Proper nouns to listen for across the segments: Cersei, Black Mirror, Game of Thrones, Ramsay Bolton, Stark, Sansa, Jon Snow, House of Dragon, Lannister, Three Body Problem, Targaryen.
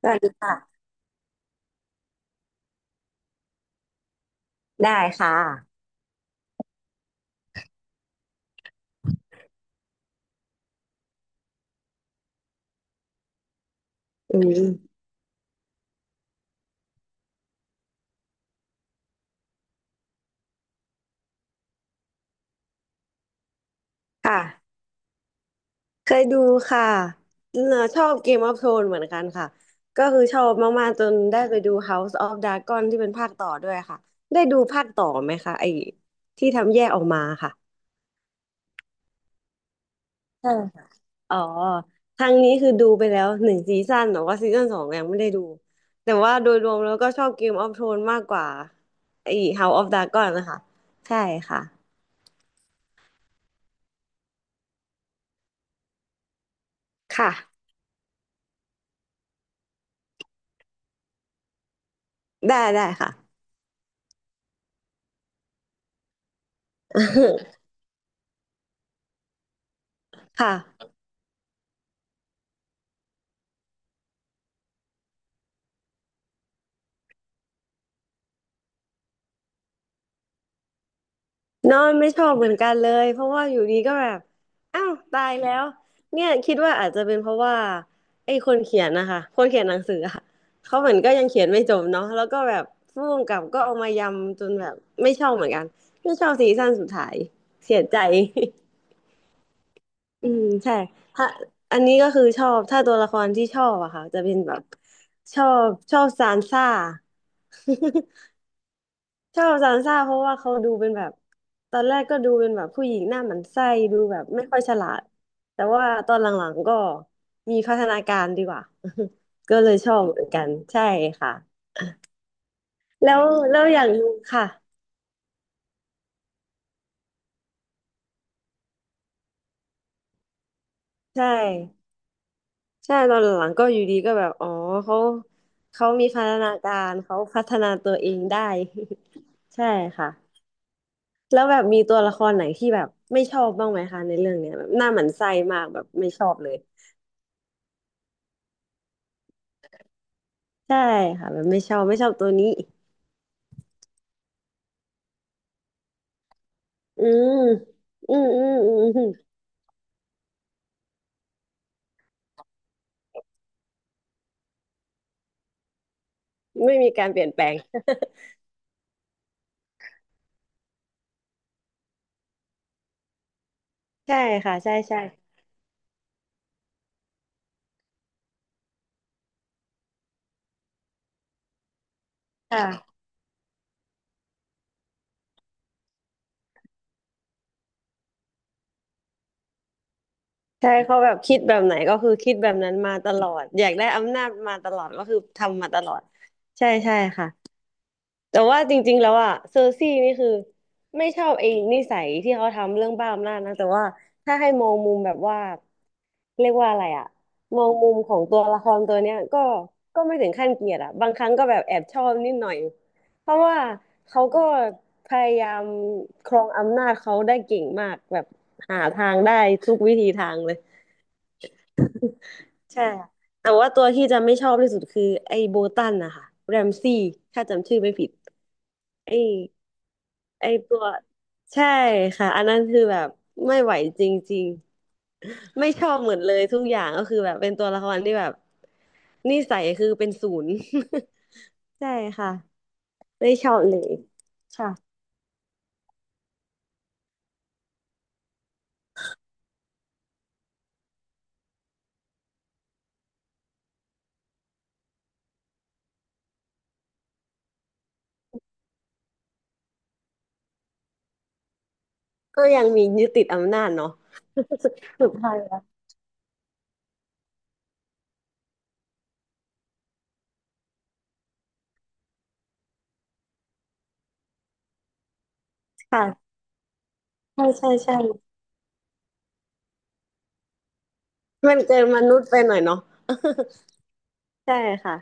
สวัสดีค่ะได้ค่ะอืมค่ะเคยดูค่ะเออชอบ Game of Thrones เหมือนกันค่ะก็คือชอบมากๆจนได้ไปดู House of Dragon ที่เป็นภาคต่อด้วยค่ะได้ดูภาคต่อไหมคะไอ้ที่ทำแยกออกมาค่ะใช่ค่ะอ๋อทางนี้คือดูไปแล้ว1 ซีซั่นแต่ว่าซีซั่น 2ยังไม่ได้ดูแต่ว่าโดยรวมแล้วก็ชอบ Game of Thrones มากกว่าไอ้ House of Dragon นะคะใช่ค่ะค่ะได้ได้ค่ะ ค่ะ นอนไม่ชอบเหมือนกันเลยเพราะว่าอยู่ดีก็แบบอ้าวตายแล้วเนี่ยคิดว่าอาจจะเป็นเพราะว่าไอ้คนเขียนนะคะคนเขียนหนังสืออะเขาเหมือนก็ยังเขียนไม่จบเนาะแล้วก็แบบผู้กำกับก็เอามายำจนแบบไม่ชอบเหมือนกันไม่ชอบซีซั่นสุดท้ายเสียใจ อืมใช่ถ้าอันนี้ก็คือชอบถ้าตัวละครที่ชอบอะค่ะจะเป็นแบบชอบซานซ่า ชอบซานซ่าเพราะว่าเขาดูเป็นแบบตอนแรกก็ดูเป็นแบบผู้หญิงหน้าหมันไส้ดูแบบไม่ค่อยฉลาดแต่ว่าตอนหลังๆก็มีพัฒนาการดีกว่า ก็เลยชอบเหมือนกันใช่ค่ะแล้วแล้วอย่างหนึงค่ะใช่ใช่ตอนหลังๆก็อยู่ดีก็แบบอ๋อเขาเขามีพัฒนาการเขาพัฒนาตัวเองได้ ใช่ค่ะแล้วแบบมีตัวละครไหนที่แบบไม่ชอบบ้างไหมคะในเรื่องเนี้ยแบบหน้าหมันไส้มากแบบไม่ชอบเลย ใช่ค่ะแบบไม่ชอบไม่ชอบตัวนี้อืมอืมอืมอืมอืมไม่มีการเปลี่ยนแปลงใช่ค่ะใช่ใช่ค่ะใช่เขาแบบคิดแบบไหนก็คือคิดแบบนั้นมาตลอดอยากได้อำนาจมาตลอดก็คือทำมาตลอดใช่ใช่ค่ะ แต่ว่าจริงๆแล้วอะเซอร์ซี่นี่คือไม่ชอบไอ้นิสัยที่เขาทำเรื่องบ้าอำนาจนะแต่ว่าถ้าให้มองมุมแบบว่าเรียกว่าอะไรอะมองมุมของตัวละครตัวเนี้ยก็ไม่ถึงขั้นเกลียดอะบางครั้งก็แบบแอบชอบนิดหน่อยเพราะว่าเขาก็พยายามครองอำนาจเขาได้เก่งมากแบบหาทางได้ทุกวิธีทางเลยใช่ค่ะแต่ว่าตัวที่จะไม่ชอบที่สุดคือไอ้โบตันนะคะแรมซี่ถ้าจำชื่อไม่ผิดไอ้ ไอตัวใช่ค่ะอันนั้นคือแบบไม่ไหวจริงๆไม่ชอบเหมือนเลยทุกอย่างก็คือแบบเป็นตัวละครที่แบบนิสัยคือเป็นศูนย์ ใช่ค่ะไม่ชอบเลยค่ะก็ยังมียึดติดอำนาจเนาะสุดท้ายแล้วค่ะใช่ใช่ใช่มันเกินมนุษย์ไปหน่อยเนาะ ใช่ค่ะ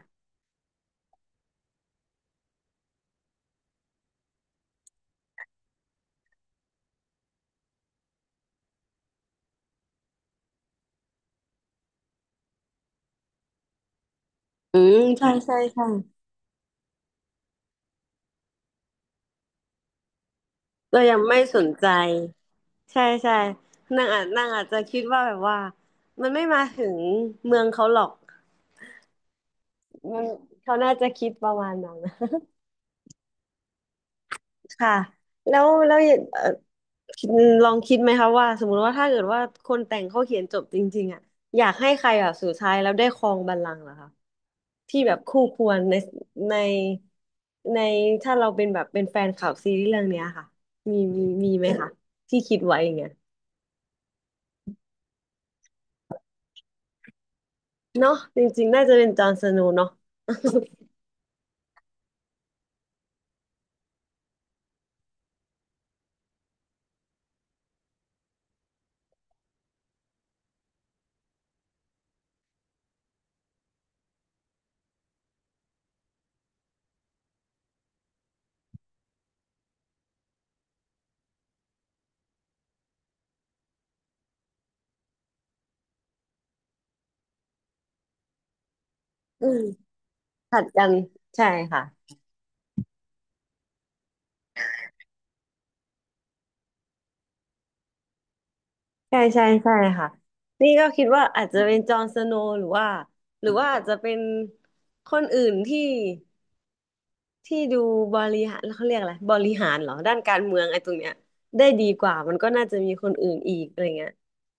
อืมใช่ใช่ใช่เรายังไม่สนใจใช่ใช่นางอาจจะคิดว่าแบบว่ามันไม่มาถึงเมืองเขาหรอก มันเขาน่าจะคิดประมาณนั้นค่ะแล้วแล้วเอ่อคิดลองคิดไหมคะว่าสมมุติว่าถ้าเกิดว่าคนแต่งเขาเขียนจบจริงๆอ่ะอยากให้ใครแบบสุดท้ายแล้วได้ครองบัลลังก์เหรอคะที่แบบคู่ควรในในในถ้าเราเป็นแบบเป็นแฟนคลับซีรีส์เรื่องเนี้ยค่ะมีไหมคะที่คิดไว้อย่างเงี้ยเนาะจริงๆน่าจะเป็นจอห์นสโนว์เนาะ อืมผัดกันใช่ค่ะ ใช่ใช่ใช่ค่ะนี่ก็คิดว่าอาจจะเป็นจอห์นสโนว์หรือว่าหรือว่าอาจจะเป็นคนอื่นที่ที่ดูบริหารเขาเรียกอะไรบริหารเหรอด้านการเมืองไอ้ตรงเนี้ยได้ดีกว่ามันก็น่าจะมีคนอื่นอีกอะไรเงี้ย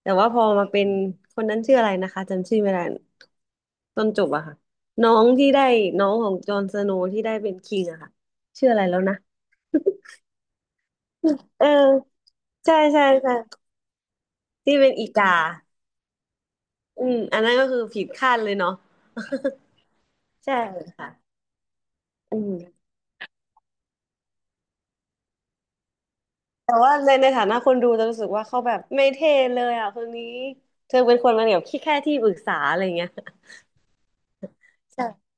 แต่ว่าพอมาเป็นคนนั้นชื่ออะไรนะคะจำชื่อไม่ได้ต้นจบอะค่ะน้องที่ได้น้องของจอห์นสโนว์ที่ได้เป็นคิงอะค่ะชื่ออะไรแล้วนะ เออใช่ใช่ใช่ที่เป็นอีกา อืมอันนั้นก็คือผิดคาดเลยเนาะ ใช่ค่ะอืมแต่ว่าในในฐานะคนดูจะรู้สึกว่าเขาแบบไม่เท่เลยอ่ะคนนี้เธอเป็นคนมาแบบที่แค่ที่ปรึกษาอะไรเงี้ยใช่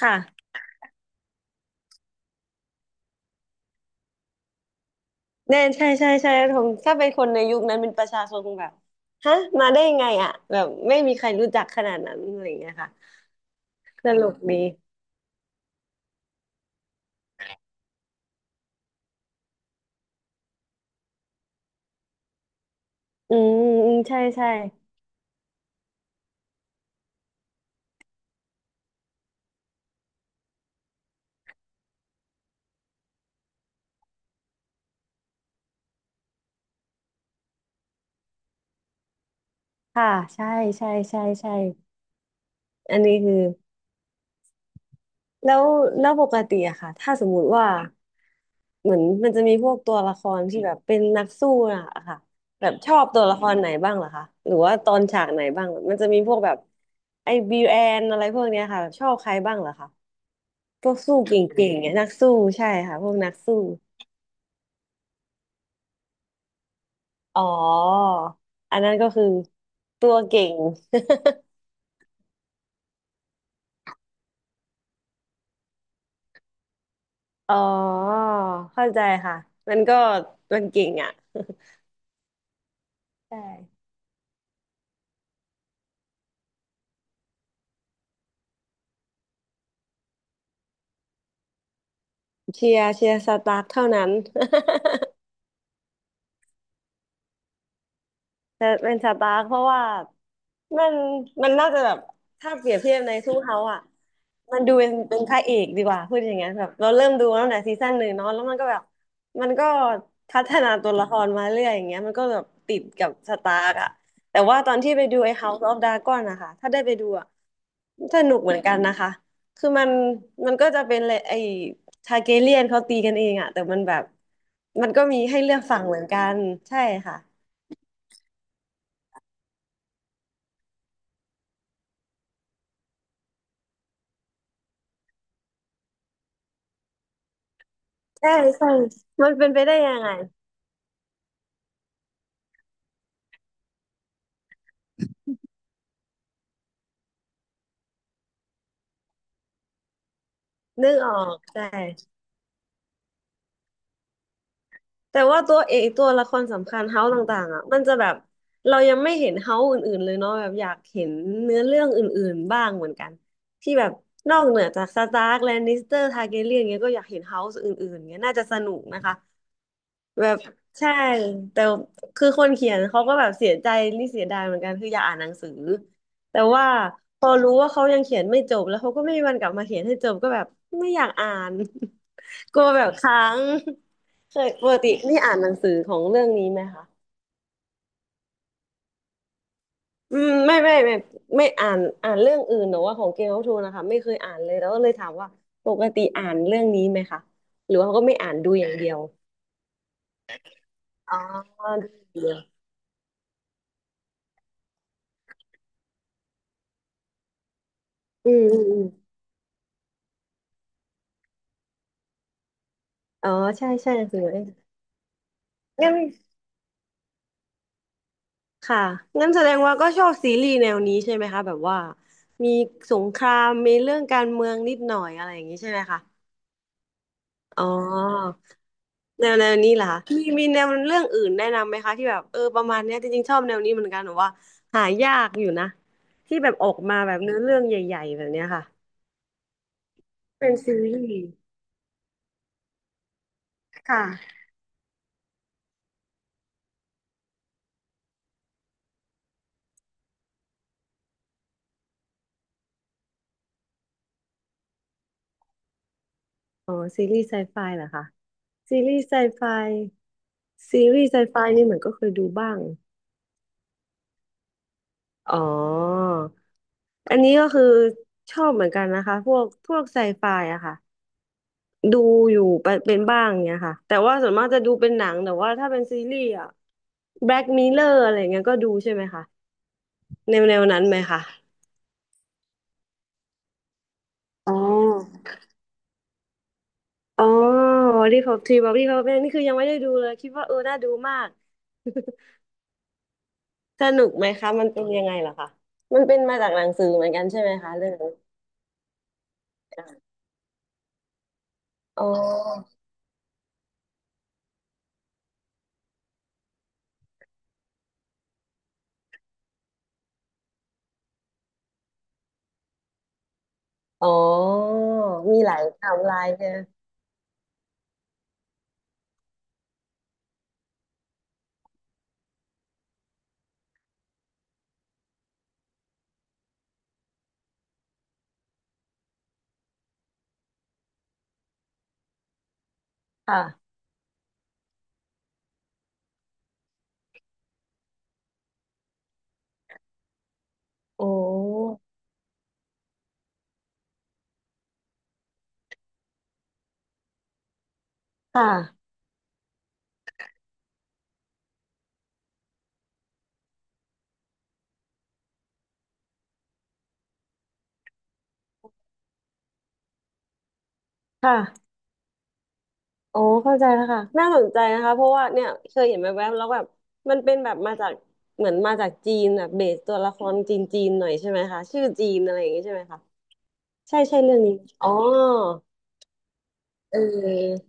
ค่ะแน่ใช่ใช่ใช่ทงถ้าเป็นคนในยุคนั้นเป็นประชาชนคงแบบฮะมาได้ยังไงอ่ะแบบไม่มีใครรู้จักขนาดนั้นอะไรเงี้ยค่ะตลกดีอืมอืมใช่ใช่ค่ะใช่ใช่ใช่ใช่อันนี้คือ แล้วแล้วปกติอะค่ะถ้าสมมุติว่าเหมือนมันจะมีพวกตัวละครที่แบบเป็นนักสู้อะค่ะแบบชอบตัวละครไหนบ้างเหรอคะหรือว่าตอนฉากไหนบ้างมันจะมีพวกแบบไอ้บิวแอนอะไรพวกเนี้ยค่ะแบบชอบใครบ้างเหรอคะพวกสู้เก่งๆเนี่ยนักสู้ใช่ค่ะพวกนักสู้อ๋ออันนั้นก็คือตัวเก่ง อ๋อเข้าใจค่ะมันก็มันเก่งอ่ะใช่เชียร์สตาร์คเท่านั้น จะเป็นสตาร์คเพราะว่ามันมันน่าจะแบบถ้าเปรียบเทียบในทูเฮาอ่ะมันดูเป็นเป็นพระเอกดีกว่าพูดอย่างเงี้ยแบบเราเริ่มดูตั้งแต่ซีซั่นหนึ่งเนาะแล้วมันก็แบบมันก็พัฒนาตัวละครมาเรื่อยอย่างเงี้ยมันก็แบบติดกับสตาร์กอ่ะแต่ว่าตอนที่ไปดูไอ้ House of Dragon นะคะถ้าได้ไปดูอ่ะสนุกเหมือนกันนะคะคือมันมันก็จะเป็นเลยไอ้ทาร์เกเรียนเขาตีกันเองอ่ะแต่มันแบบมันก็มีให้เลือกฝั่งเหมือนกันใช่ค่ะ ใช่ใช่ มันเป็นไปได้ยังไงนึกออกใช่แต่ว่าตัวเอกตัวละครสำคัญเฮาต่างๆอ่ะมันจะแบบเรายังไม่เห็นเฮาอื่นๆเลยเนาะแบบอยากเห็นเนื้อเรื่องอื่นๆบ้างเหมือนกันที่แบบนอกเหนือจากสตาร์กแลนนิสเตอร์ทาร์แกเรียนเงี้ยก็อยากเห็นเฮาอื่นๆเงี้ยน่าจะสนุกนะคะ แบบใช่แต่คือคนเขียนเขาก็แบบเสียใจนี่เสียดายเหมือนกันคืออยากอ่านหนังสือแต่ว่าพอรู้ว่าเขายังเขียนไม่จบแล้วเขาก็ไม่มีวันกลับมาเขียนให้จบก็แบบไม่อยากอ่าน กลัวแบบค้างเคยปกตินี่อ่านหนังสือของเรื่องนี้ไหมคะอืมไม่ไม่อ่านอ่านเรื่องอื่นแต่ว่าของเกมออฟโธนนะคะไม่เคยอ่านเลยแล้วก็เลยถามว่าปกติอ่านเรื่องนี้ไหมคะหรือว่าก็ไม่อ่านดูอย่างเดียวอ๋อดูอย่างเดียวอืมอืม อ๋อใช่ใช่หนังสือเองงั้นค่ะงั้นแสดงว่าก็ชอบซีรีส์แนวนี้ใช่ไหมคะแบบว่ามีสงครามมีเรื่องการเมืองนิดหน่อยอะไรอย่างนี้ใช่ไหมคะอ๋อแนวแนวนี้เหรอคะมีมีแนวเรื่องอื่นแนะนำไหมคะที่แบบเออประมาณเนี้ยจริงๆชอบแนวนี้เหมือนกันหนูว่าหายากอยู่นะที่แบบออกมาแบบเนื้อเรื่องใหญ่ๆแบบเนี้ยค่ะเป็นซีรีส์ค่ะอ๋อซีรีส์ไซไฟเหรอคะซีรีส์ไซไฟซีรีส์ไซไฟนี่เหมือนก็เคยดูบ้าง อ๋อ อันนี้ก็คือชอบเหมือนกันนะคะพวกพวกไซไฟอะค่ะดูอยู่ไปเป็นบ้างเนี่ยค่ะแต่ว่าส่วนมากจะดูเป็นหนังแต่ว่าถ้าเป็นซีรีส์อะ Black Mirror อะไรเงี้ยก็ดูใช่ไหมคะแนวแนวนั้นไหมคะอ๋ออ๋อ Body Cop 3 Body Cop เนี่นี่คือยังไม่ได้ดูเลยคิดว่าเออน่าดูมาก สนุกไหมคะมันเป็นยังไงเห่ะคะมันเป็นมาจากหนังสือเหมือนกันใช่ไหมคะเรื่องนี้อ๋ออ๋อมีหลายไทม์ไลน์ใช่ไหมค่ะ โอ้ค่ะค่ะโอ้เข้าใจแล้วค่ะน่าสนใจนะคะเพราะว่าเนี่ยเคยเห็นแวบๆแล้วแบบมันเป็นแบบมาจากเหมือนมาจากจีนแบบเบสตัวละครจีนจีนหน่อยใช่ไหมคะชื่อจีนอะไรอย่างงี้ใช่ไหมคะใช่ใช่เรื่องนี้อ๋อเ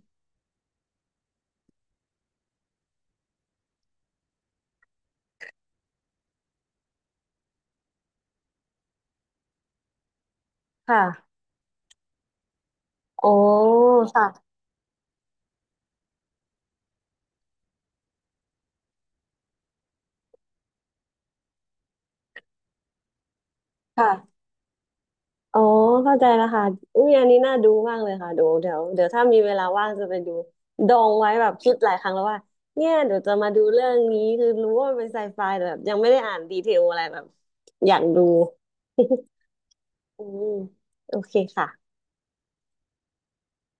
ออค่ะโอ้ค่ะค่ะ อ๋อเข้าใจแล้วค่ะอุ้ยอันนี้น่าดูมากเลยค่ะดูวเดี๋ยวถ้ามีเวลาว่างจะไปดูดองไว้แบบคิดหลายครั้งแล้วว่าเนี่ยเดี๋ยวจะมาดูเรื่องนี้คือรู้ว่ามันเป็นไซไฟแต่แบบยังไม่ได้อ่านดีเทลอะไรแบบอยากดู อืมโอเคค่ะ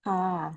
ค่ะ